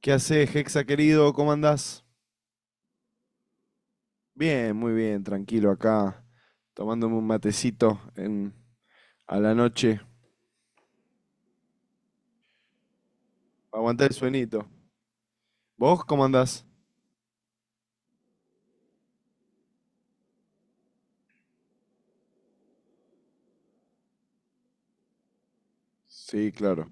¿Qué haces, Hexa querido? ¿Cómo andás? Bien, muy bien, tranquilo acá, tomándome un matecito en, a la noche, para aguantar el sueñito. ¿Vos cómo andás? Sí, claro.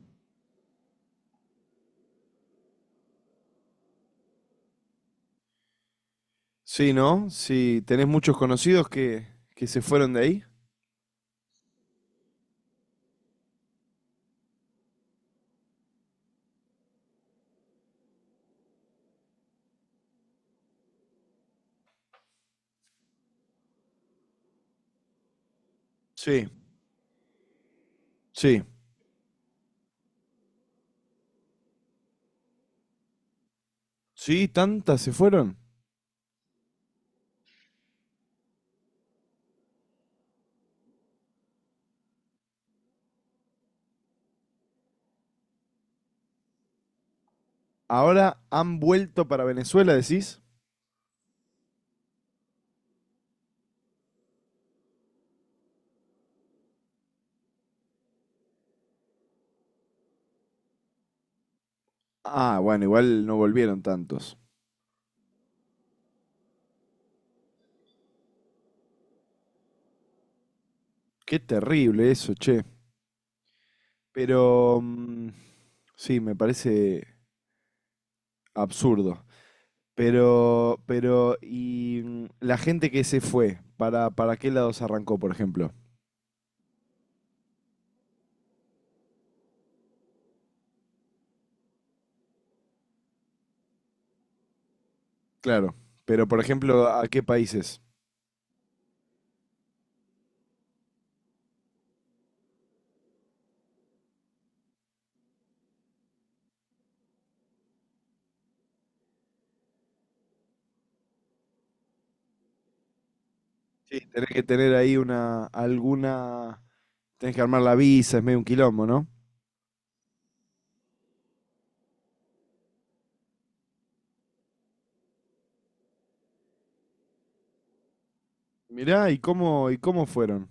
Sí, ¿no? Sí, ¿tenés muchos conocidos que se fueron de ahí? Sí, sí. Sí, tantas se fueron. Ahora han vuelto para Venezuela, decís. Ah, bueno, igual no volvieron tantos. Qué terrible eso, che. Pero mm, sí, me parece absurdo. La gente que se fue, ¿para qué lados arrancó, por ejemplo? Claro, pero por ejemplo, ¿a qué países? Sí, tenés que tener ahí una, alguna, tenés que armar la visa, es medio un quilombo, ¿no? Mirá, ¿y cómo fueron?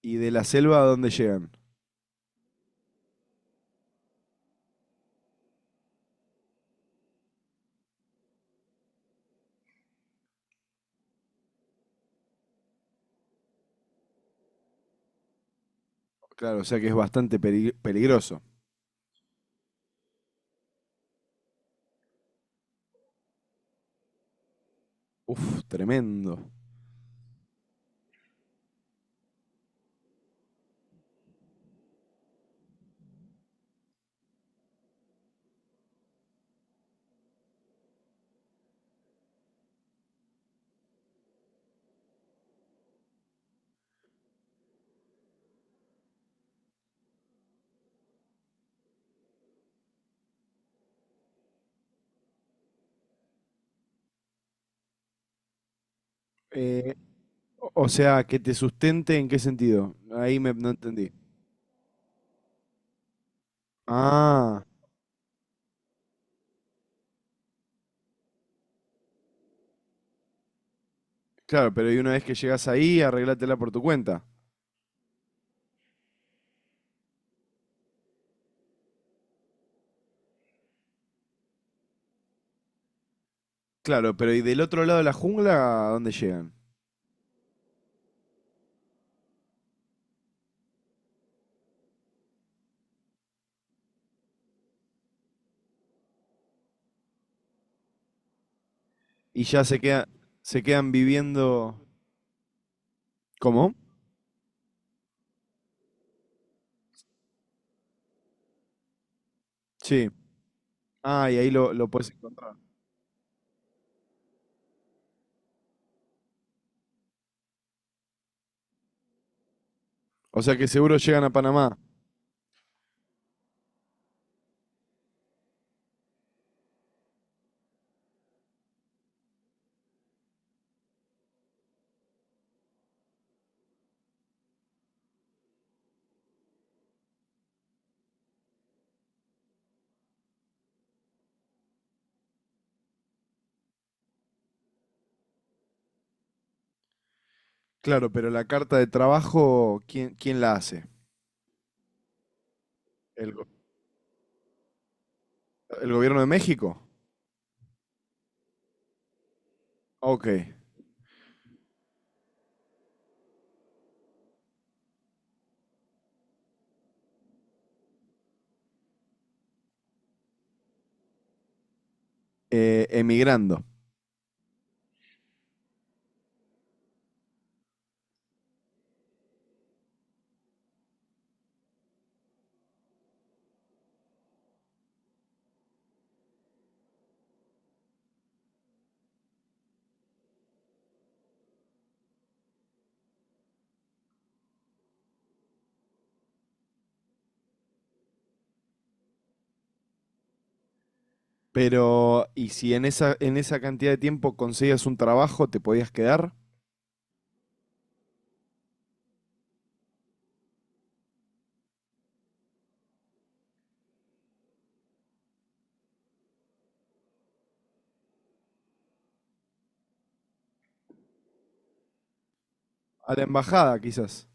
¿Y de la selva a dónde llegan? Claro, o sea que es bastante peligroso. Uf, tremendo. Eh, o sea, que te sustente ¿en qué sentido? Ahí me, no entendí. Ah. Claro, pero y una vez que llegas ahí, arreglátela por tu cuenta. Claro, pero y del otro lado de la jungla, ¿a dónde llegan? Y ya se queda, se quedan viviendo. ¿Cómo? Sí. Ah, y ahí lo puedes encontrar. O sea que seguro llegan a Panamá. Claro, pero la carta de trabajo, ¿quién la hace? ¿El, go- el gobierno de México? Ok. Emigrando. Pero, ¿y si en esa cantidad de tiempo conseguías un trabajo, te podías quedar? A la embajada, quizás.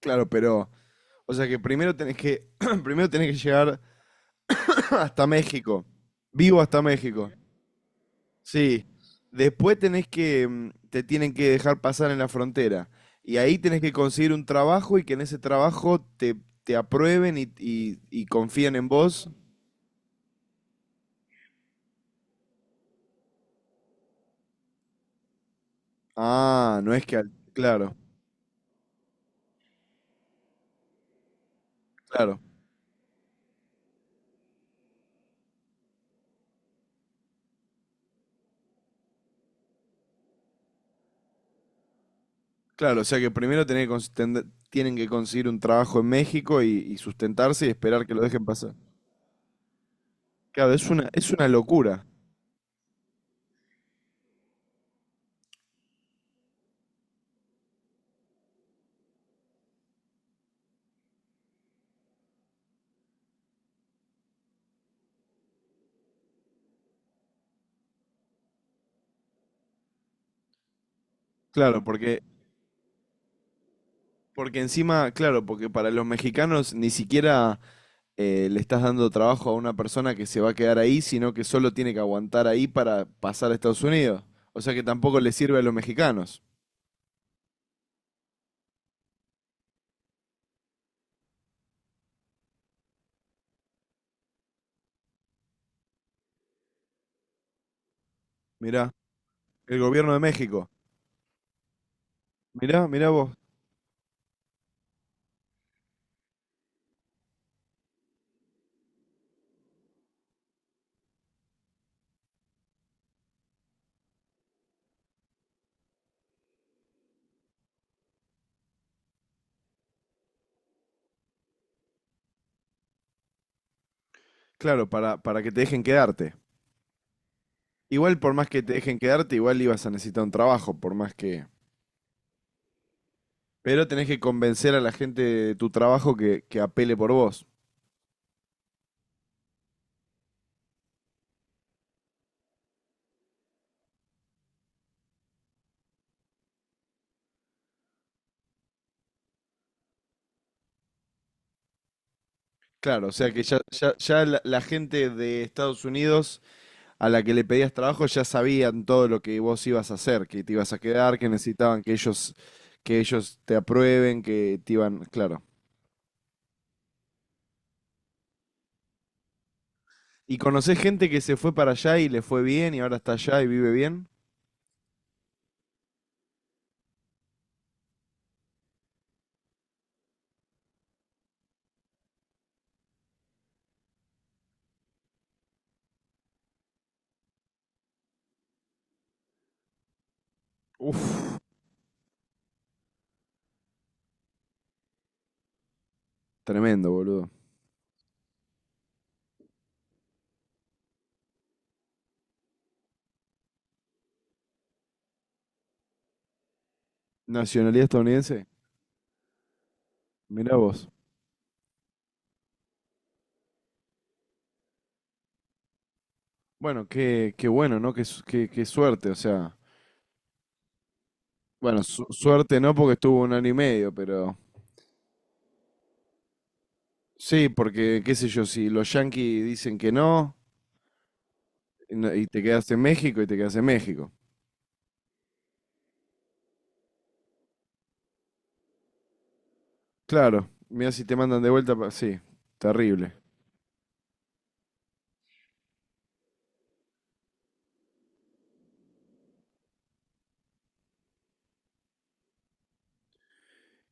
Claro, pero o sea que primero tenés que, primero tenés que llegar hasta México. Vivo hasta México. Sí. Después tenés que, te tienen que dejar pasar en la frontera. Y ahí tenés que conseguir un trabajo y que en ese trabajo te, te aprueben y confíen en vos. Ah, no es que... al- Claro, claro, claro. O sea que primero tenés que tienen que conseguir un trabajo en México y sustentarse y esperar que lo dejen pasar. Claro, es una locura. Claro, porque porque encima, claro, porque para los mexicanos ni siquiera le estás dando trabajo a una persona que se va a quedar ahí, sino que solo tiene que aguantar ahí para pasar a Estados Unidos. O sea que tampoco le sirve a los mexicanos. Mirá, el gobierno de México. Mirá, mirá vos. Claro, para que te dejen quedarte. Igual por más que te dejen quedarte, igual ibas a necesitar un trabajo, por más que... Pero tenés que convencer a la gente de tu trabajo que apele por vos. Claro, o sea que ya, ya, ya la gente de Estados Unidos a la que le pedías trabajo ya sabían todo lo que vos ibas a hacer, que te ibas a quedar, que necesitaban que ellos te aprueben, que te iban, claro. ¿Y conocés gente que se fue para allá y le fue bien y ahora está allá y vive bien? Uf, tremendo, boludo. Nacionalidad estadounidense, mirá vos. Bueno, qué, qué bueno, ¿no? Qué, su- qué- qué suerte, o sea. Bueno, su- suerte no porque estuvo un año y medio, pero... Sí, porque qué sé yo, si los yanquis dicen que no, no- y te quedas en México y te quedas en México. Claro, mira si te mandan de vuelta, pa- sí, terrible.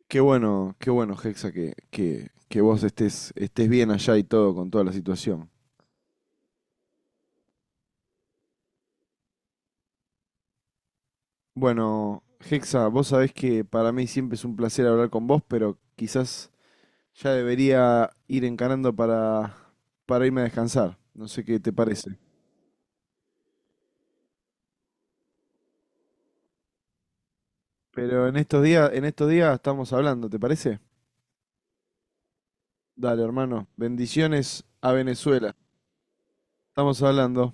Qué bueno, Hexa, que vos estés, estés bien allá y todo con toda la situación. Bueno, Hexa, vos sabés que para mí siempre es un placer hablar con vos, pero quizás ya debería ir encarando para irme a descansar. No sé qué te parece. Pero en estos días estamos hablando, ¿te parece? Dale, hermano. Bendiciones a Venezuela. Estamos hablando.